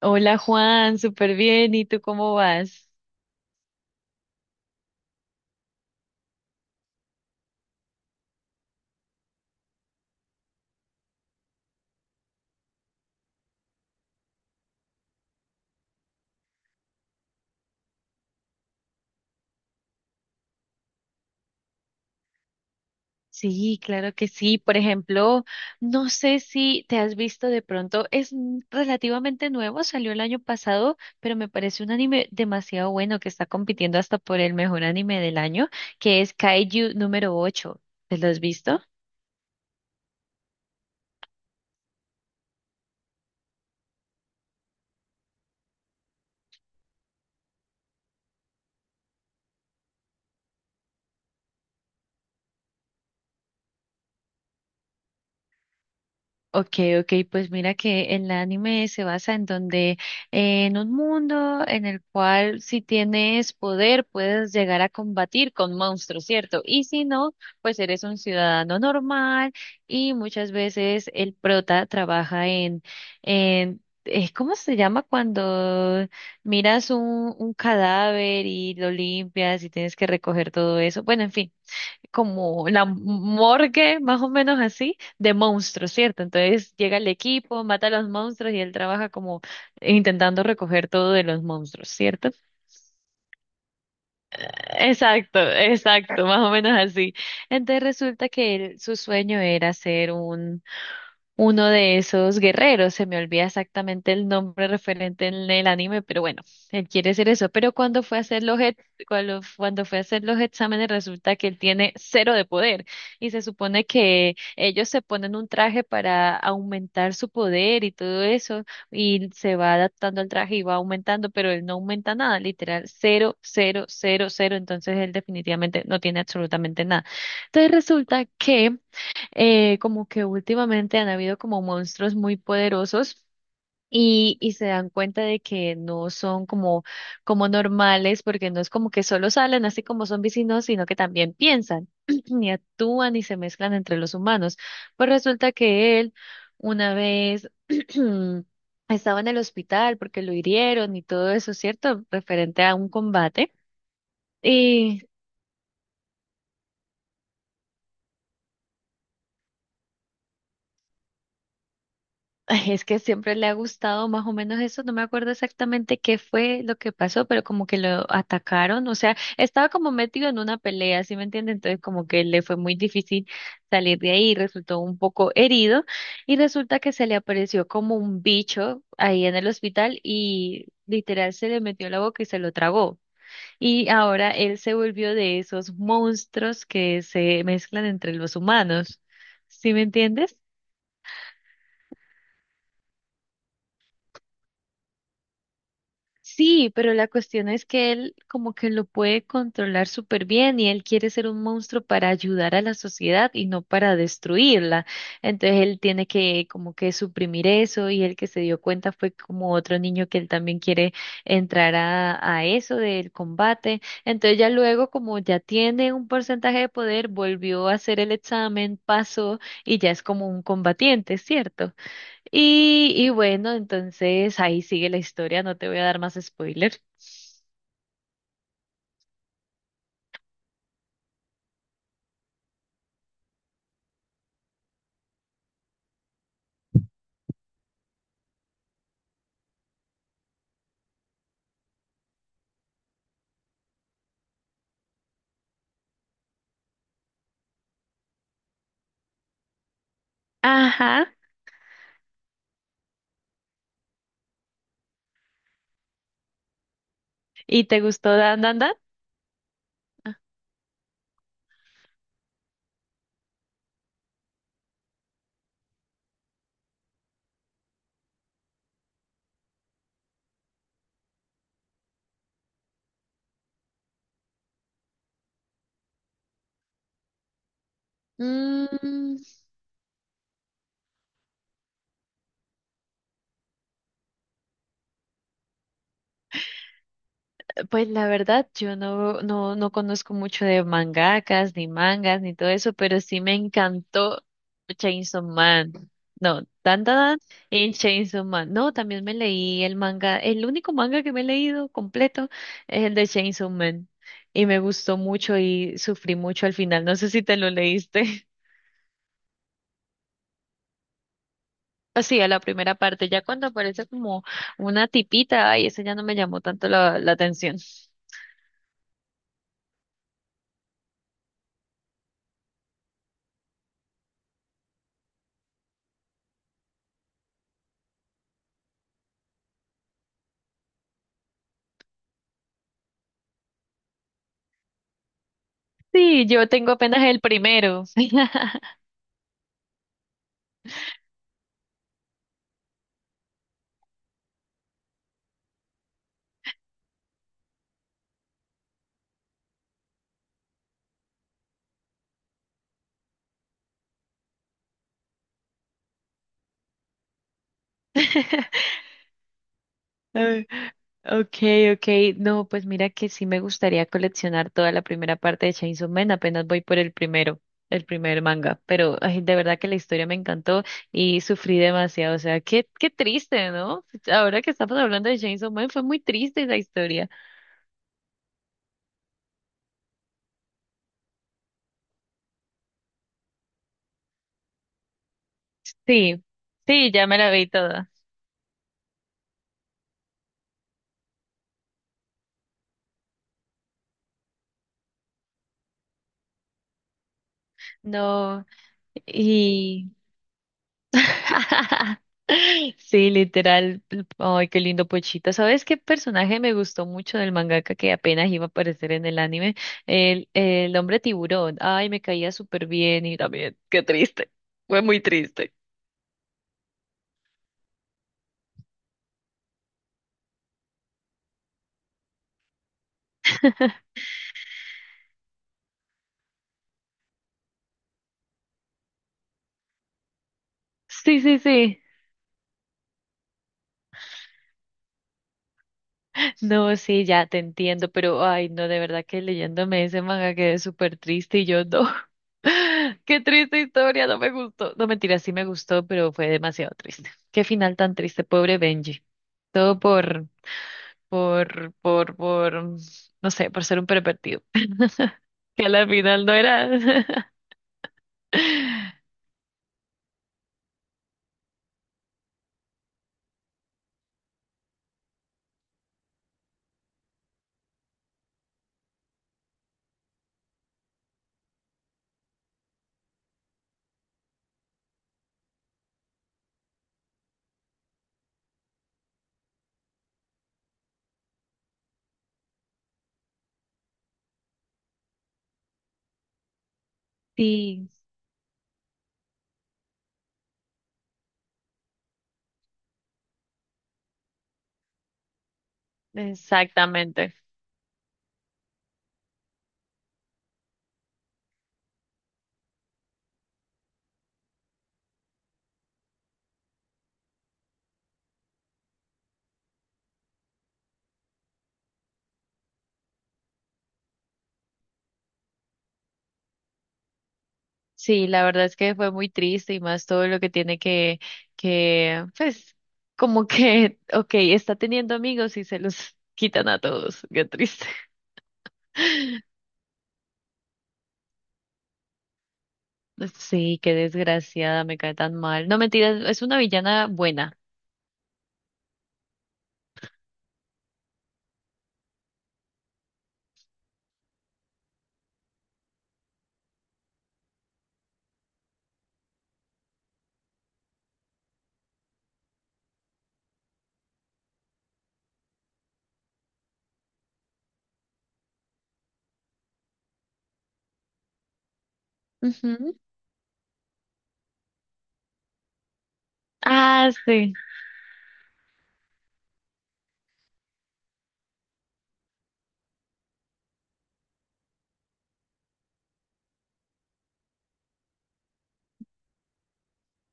Hola Juan, súper bien. ¿Y tú cómo vas? Sí, claro que sí. Por ejemplo, no sé si te has visto de pronto, es relativamente nuevo, salió el año pasado, pero me parece un anime demasiado bueno que está compitiendo hasta por el mejor anime del año, que es Kaiju número 8. ¿Te lo has visto? Okay, okay, pues mira que el anime se basa en un mundo en el cual si tienes poder puedes llegar a combatir con monstruos, ¿cierto? Y si no, pues eres un ciudadano normal y muchas veces el prota trabaja en, ¿cómo se llama cuando miras un cadáver y lo limpias y tienes que recoger todo eso? Bueno, en fin, como la morgue, más o menos así, de monstruos, ¿cierto? Entonces llega el equipo, mata a los monstruos y él trabaja como intentando recoger todo de los monstruos, ¿cierto? Exacto, exacto, más o menos así. Entonces resulta que su sueño era ser un uno de esos guerreros, se me olvida exactamente el nombre referente en el anime, pero bueno, él quiere ser eso. Pero cuando fue a hacer cuando fue a hacer los exámenes, resulta que él tiene cero de poder. Y se supone que ellos se ponen un traje para aumentar su poder y todo eso, y se va adaptando al traje y va aumentando, pero él no aumenta nada, literal, cero, cero, cero, cero. Entonces él definitivamente no tiene absolutamente nada. Entonces resulta que como que últimamente han habido como monstruos muy poderosos y se dan cuenta de que no son como normales, porque no es como que solo salen así como son vecinos, sino que también piensan y actúan y se mezclan entre los humanos. Pues resulta que él una vez estaba en el hospital porque lo hirieron y todo eso, ¿cierto? Referente a un combate. Ay, es que siempre le ha gustado más o menos eso, no me acuerdo exactamente qué fue lo que pasó, pero como que lo atacaron, o sea, estaba como metido en una pelea, ¿sí me entiende? Entonces como que le fue muy difícil salir de ahí, resultó un poco herido y resulta que se le apareció como un bicho ahí en el hospital y literal se le metió en la boca y se lo tragó. Y ahora él se volvió de esos monstruos que se mezclan entre los humanos, ¿sí me entiendes? Sí, pero la cuestión es que él como que lo puede controlar súper bien y él quiere ser un monstruo para ayudar a la sociedad y no para destruirla. Entonces él tiene que como que suprimir eso y el que se dio cuenta fue como otro niño que él también quiere entrar a eso del combate. Entonces ya luego como ya tiene un porcentaje de poder, volvió a hacer el examen, pasó y ya es como un combatiente, ¿cierto? Y bueno, entonces ahí sigue la historia, no te voy a dar más spoiler. Ajá. ¿Y te gustó Dan Dan Dan? Mm, Pues la verdad, yo no conozco mucho de mangakas, ni mangas, ni todo eso, pero sí me encantó Chainsaw Man. No, tan tan tan, en Chainsaw Man. No, también me leí el manga, el único manga que me he leído completo es el de Chainsaw Man. Y me gustó mucho y sufrí mucho al final. No sé si te lo leíste. Así, a la primera parte, ya cuando aparece como una tipita, ay, ese ya no me llamó tanto la atención. Sí, yo tengo apenas el primero. Ay, okay, okay. No, pues mira que sí me gustaría coleccionar toda la primera parte de Chainsaw Man. Apenas voy por el primero, el primer manga. Pero ay, de verdad que la historia me encantó y sufrí demasiado. O sea, qué triste, ¿no? Ahora que estamos hablando de Chainsaw Man, fue muy triste esa historia. Sí, sí, ya me la vi toda. No. Sí, literal. Ay, qué lindo Pochita. ¿Sabes qué personaje me gustó mucho del mangaka que apenas iba a aparecer en el anime? El hombre tiburón. Ay, me caía súper bien y también, qué triste. Fue muy triste. Sí, sí, sí. No, sí, ya te entiendo, pero ay, no, de verdad que leyéndome ese manga quedé súper triste y yo no. Qué triste historia, no me gustó. No, mentira, sí me gustó, pero fue demasiado triste. Qué final tan triste, pobre Benji. Todo por, no sé, por ser un pervertido. Que a la final no era. Sí, exactamente. Sí, la verdad es que fue muy triste y más todo lo que tiene que, pues, como que, ok, está teniendo amigos y se los quitan a todos. Qué triste. Sí, qué desgraciada, me cae tan mal. No, mentiras, es una villana buena. Ujú. Ah, sí.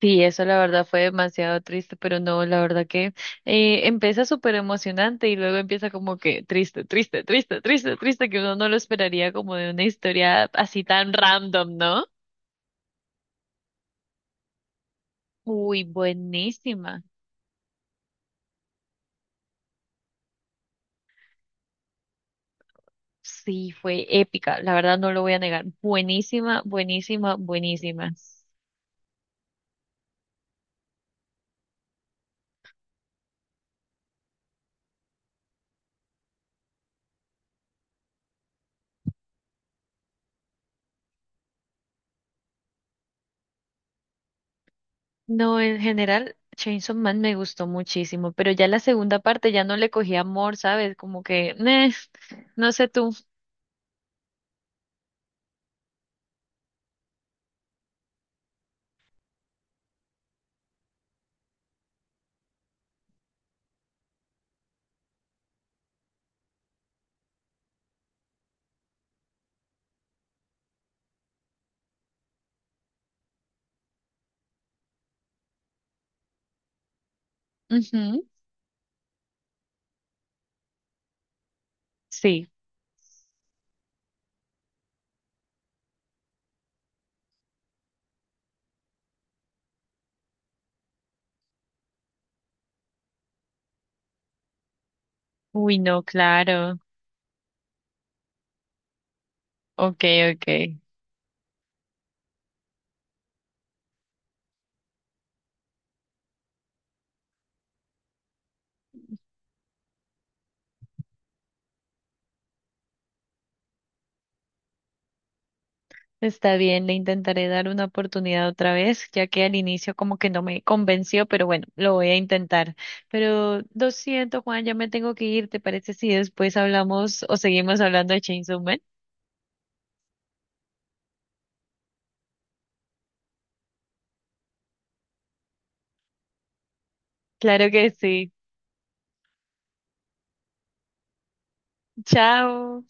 Sí, eso la verdad fue demasiado triste, pero no, la verdad que empieza súper emocionante y luego empieza como que triste, triste, triste, triste, triste, que uno no lo esperaría como de una historia así tan random, ¿no? Uy, buenísima. Sí, fue épica, la verdad no lo voy a negar. Buenísima, buenísima, buenísima. No, en general, Chainsaw Man me gustó muchísimo, pero ya la segunda parte ya no le cogí amor, ¿sabes? Como que, "Neh, no sé tú". Ujú, sí. Uy, no, claro. Ok, ok. Está bien, le intentaré dar una oportunidad otra vez, ya que al inicio como que no me convenció, pero bueno, lo voy a intentar. Pero lo siento, Juan, ya me tengo que ir. ¿Te parece si después hablamos o seguimos hablando de Chainsaw Man? Claro que sí. Chao.